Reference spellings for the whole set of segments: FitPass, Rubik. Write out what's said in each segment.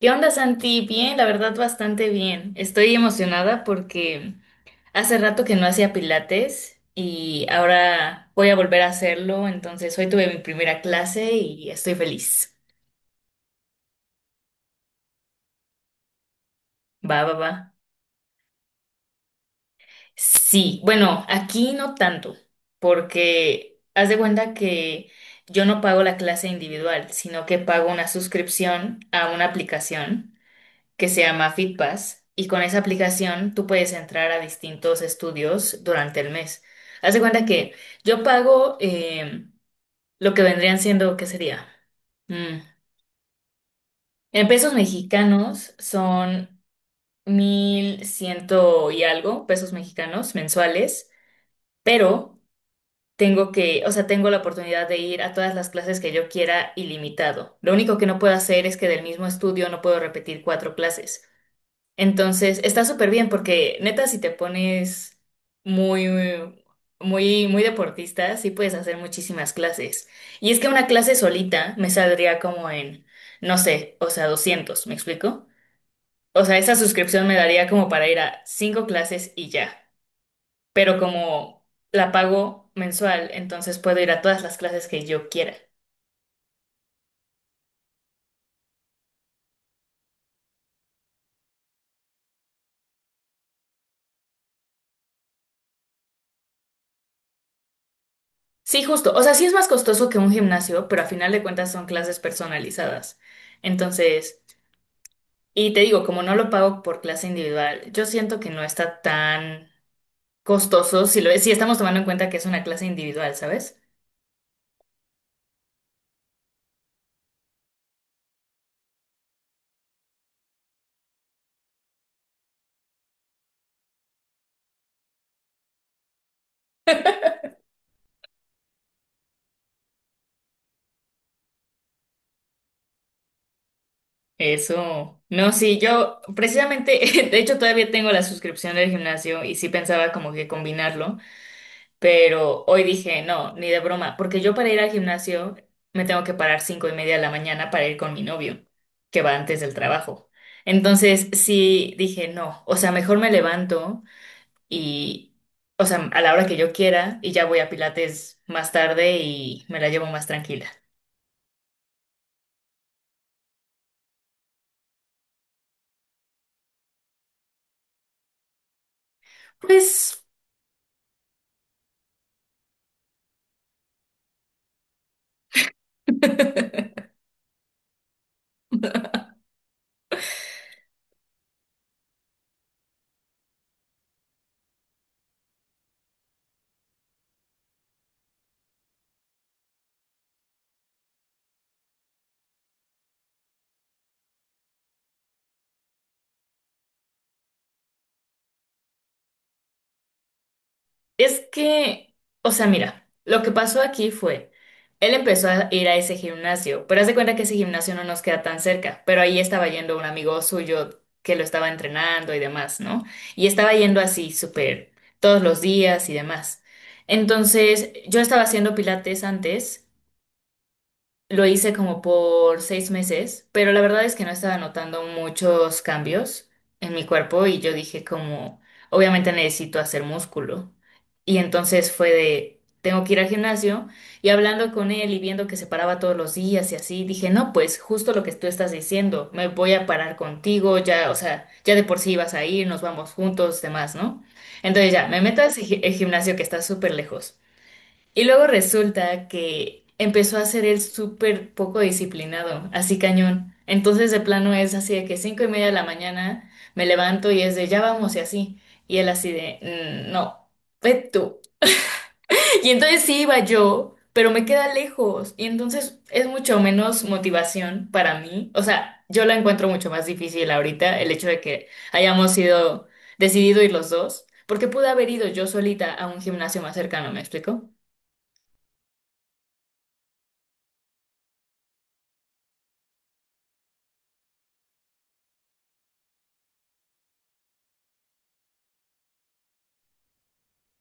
¿Qué onda, Santi? Bien, la verdad, bastante bien. Estoy emocionada porque hace rato que no hacía pilates y ahora voy a volver a hacerlo. Entonces, hoy tuve mi primera clase y estoy feliz. Va, va, va. Sí, bueno, aquí no tanto, porque haz de cuenta que yo no pago la clase individual, sino que pago una suscripción a una aplicación que se llama FitPass y con esa aplicación tú puedes entrar a distintos estudios durante el mes. Haz de cuenta que yo pago lo que vendrían siendo, ¿qué sería? Mm, En pesos mexicanos son 1100 y algo pesos mexicanos mensuales, pero tengo que, o sea, tengo la oportunidad de ir a todas las clases que yo quiera ilimitado. Lo único que no puedo hacer es que del mismo estudio no puedo repetir cuatro clases. Entonces, está súper bien porque neta, si te pones muy, muy, muy deportista, sí puedes hacer muchísimas clases. Y es que una clase solita me saldría como en, no sé, o sea, 200, ¿me explico? O sea, esa suscripción me daría como para ir a cinco clases y ya. Pero como la pago mensual, entonces puedo ir a todas las clases que yo quiera. Sí, justo. O sea, sí es más costoso que un gimnasio, pero a final de cuentas son clases personalizadas. Entonces... Y te digo, como no lo pago por clase individual, yo siento que no está tan costoso si estamos tomando en cuenta que es una clase individual, ¿sabes? Eso. No, sí, yo precisamente, de hecho todavía tengo la suscripción del gimnasio y sí pensaba como que combinarlo, pero hoy dije, no, ni de broma, porque yo para ir al gimnasio me tengo que parar 5:30 de la mañana para ir con mi novio, que va antes del trabajo. Entonces, sí, dije, no, o sea, mejor me levanto y, o sea, a la hora que yo quiera y ya voy a Pilates más tarde y me la llevo más tranquila. Pues es que, o sea, mira, lo que pasó aquí fue, él empezó a ir a ese gimnasio, pero haz de cuenta que ese gimnasio no nos queda tan cerca, pero ahí estaba yendo un amigo suyo que lo estaba entrenando y demás, ¿no? Y estaba yendo así, súper, todos los días y demás. Entonces, yo estaba haciendo pilates antes. Lo hice como por 6 meses, pero la verdad es que no estaba notando muchos cambios en mi cuerpo y yo dije como, obviamente necesito hacer músculo. Y entonces fue de, tengo que ir al gimnasio y hablando con él y viendo que se paraba todos los días y así, dije, no, pues justo lo que tú estás diciendo, me voy a parar contigo, ya, o sea, ya de por sí vas a ir, nos vamos juntos, demás, ¿no? Entonces ya, me meto a el gimnasio que está súper lejos. Y luego resulta que empezó a ser él súper poco disciplinado, así cañón. Entonces de plano es así de que 5:30 de la mañana me levanto y es de ya vamos y así. Y él así de "Mm, no, ve tú". Y entonces sí iba yo, pero me queda lejos. Y entonces es mucho menos motivación para mí. O sea, yo la encuentro mucho más difícil ahorita, el hecho de que hayamos sido decidido ir los dos, porque pude haber ido yo solita a un gimnasio más cercano, ¿me explico?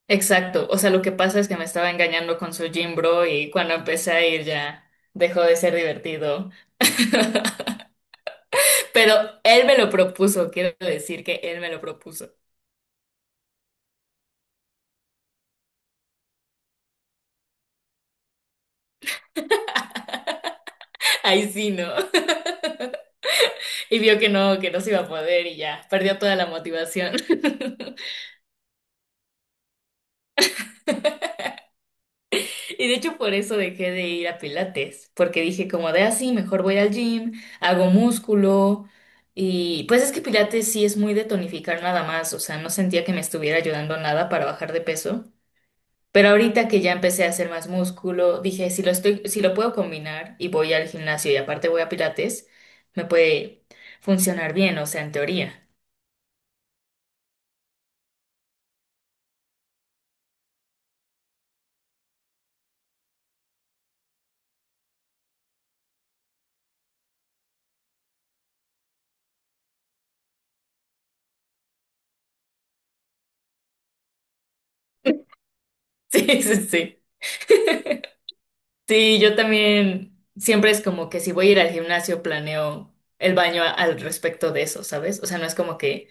Exacto, o sea, lo que pasa es que me estaba engañando con su gym bro y cuando empecé a ir ya dejó de ser divertido. Pero él me lo propuso, quiero decir que él me lo propuso. Ahí sí, ¿no? Y vio que no se iba a poder y ya, perdió toda la motivación. Y de hecho por eso dejé de ir a Pilates, porque dije como de así, mejor voy al gym, hago músculo. Y pues es que Pilates sí es muy de tonificar nada más, o sea, no sentía que me estuviera ayudando nada para bajar de peso. Pero ahorita que ya empecé a hacer más músculo, dije, si lo estoy, si lo puedo combinar y voy al gimnasio y aparte voy a Pilates, me puede funcionar bien, o sea, en teoría. Sí, sí, sí. Sí, yo también siempre es como que si voy a ir al gimnasio planeo el baño al respecto de eso, ¿sabes? O sea, no es como que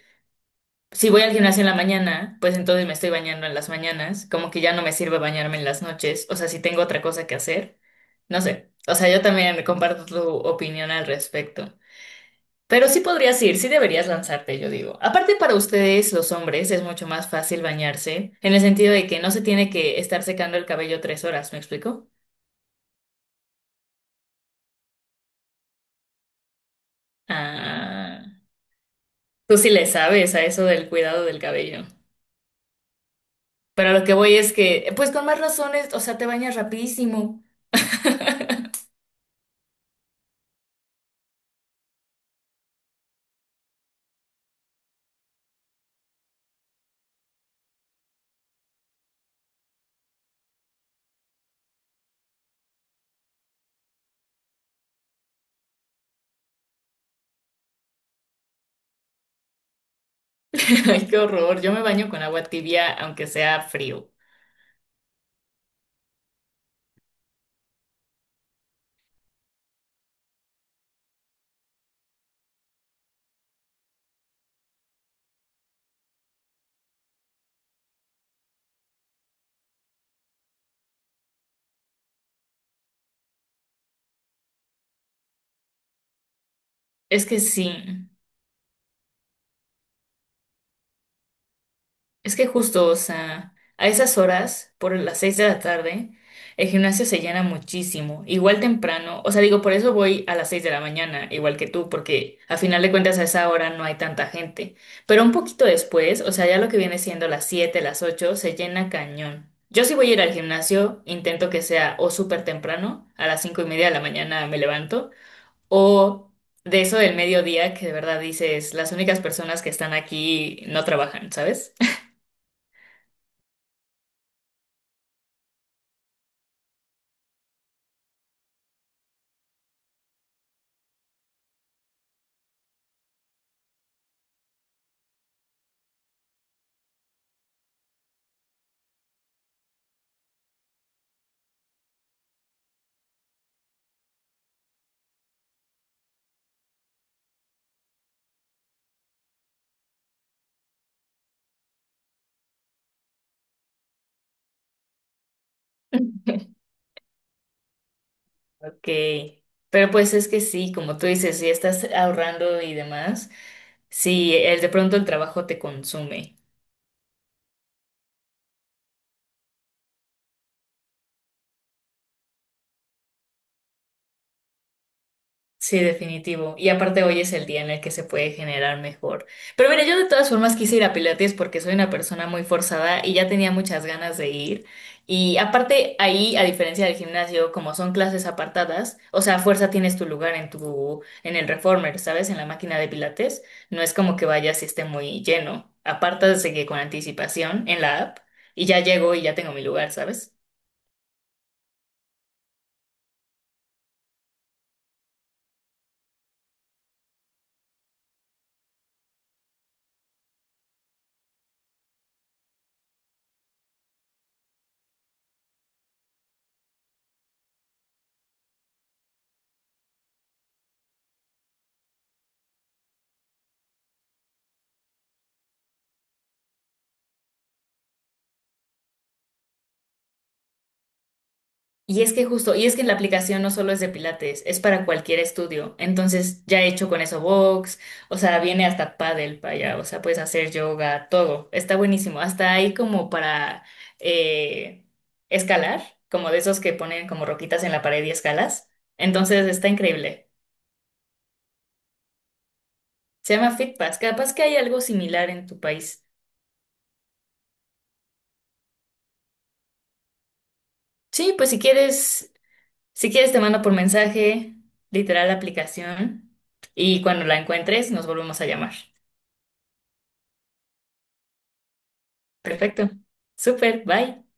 si voy al gimnasio en la mañana, pues entonces me estoy bañando en las mañanas, como que ya no me sirve bañarme en las noches, o sea, si tengo otra cosa que hacer, no sé. O sea, yo también comparto tu opinión al respecto. Pero sí podrías ir, sí deberías lanzarte, yo digo. Aparte para ustedes, los hombres, es mucho más fácil bañarse, en el sentido de que no se tiene que estar secando el cabello 3 horas, ¿me explico? Ah, tú sí le sabes a eso del cuidado del cabello. Pero lo que voy es que, pues con más razones, o sea, te bañas rapidísimo. Ay, qué horror. Yo me baño con agua tibia, aunque sea frío. Es que sí. Es que justo, o sea, a esas horas, por las 6 de la tarde, el gimnasio se llena muchísimo. Igual temprano, o sea, digo, por eso voy a las 6 de la mañana, igual que tú, porque a final de cuentas a esa hora no hay tanta gente. Pero un poquito después, o sea, ya lo que viene siendo las siete, las ocho, se llena cañón. Yo si voy a ir al gimnasio, intento que sea o súper temprano, a las 5:30 de la mañana me levanto, o de eso del mediodía que de verdad dices, las únicas personas que están aquí no trabajan, ¿sabes? Ok, pero pues es que sí, como tú dices, si estás ahorrando y demás, si el de pronto el trabajo te consume. Sí, definitivo. Y aparte hoy es el día en el que se puede generar mejor. Pero mira, yo de todas formas quise ir a Pilates porque soy una persona muy forzada y ya tenía muchas ganas de ir. Y aparte ahí, a diferencia del gimnasio, como son clases apartadas, o sea, a fuerza tienes tu lugar en tu, en el reformer, ¿sabes? En la máquina de Pilates. No es como que vayas y esté muy lleno. Apartas de que con anticipación en la app y ya llego y ya tengo mi lugar, ¿sabes? Y es que justo, y es que la aplicación no solo es de Pilates, es para cualquier estudio. Entonces, ya he hecho con eso box, o sea, viene hasta pádel para allá, o sea, puedes hacer yoga, todo. Está buenísimo. Hasta ahí como para eh, escalar, como de esos que ponen como roquitas en la pared y escalas. Entonces, está increíble. Se llama FitPass. Capaz que hay algo similar en tu país. Sí, pues si quieres, si quieres te mando por mensaje, literal la aplicación, y cuando la encuentres nos volvemos a llamar. Perfecto. Súper, bye.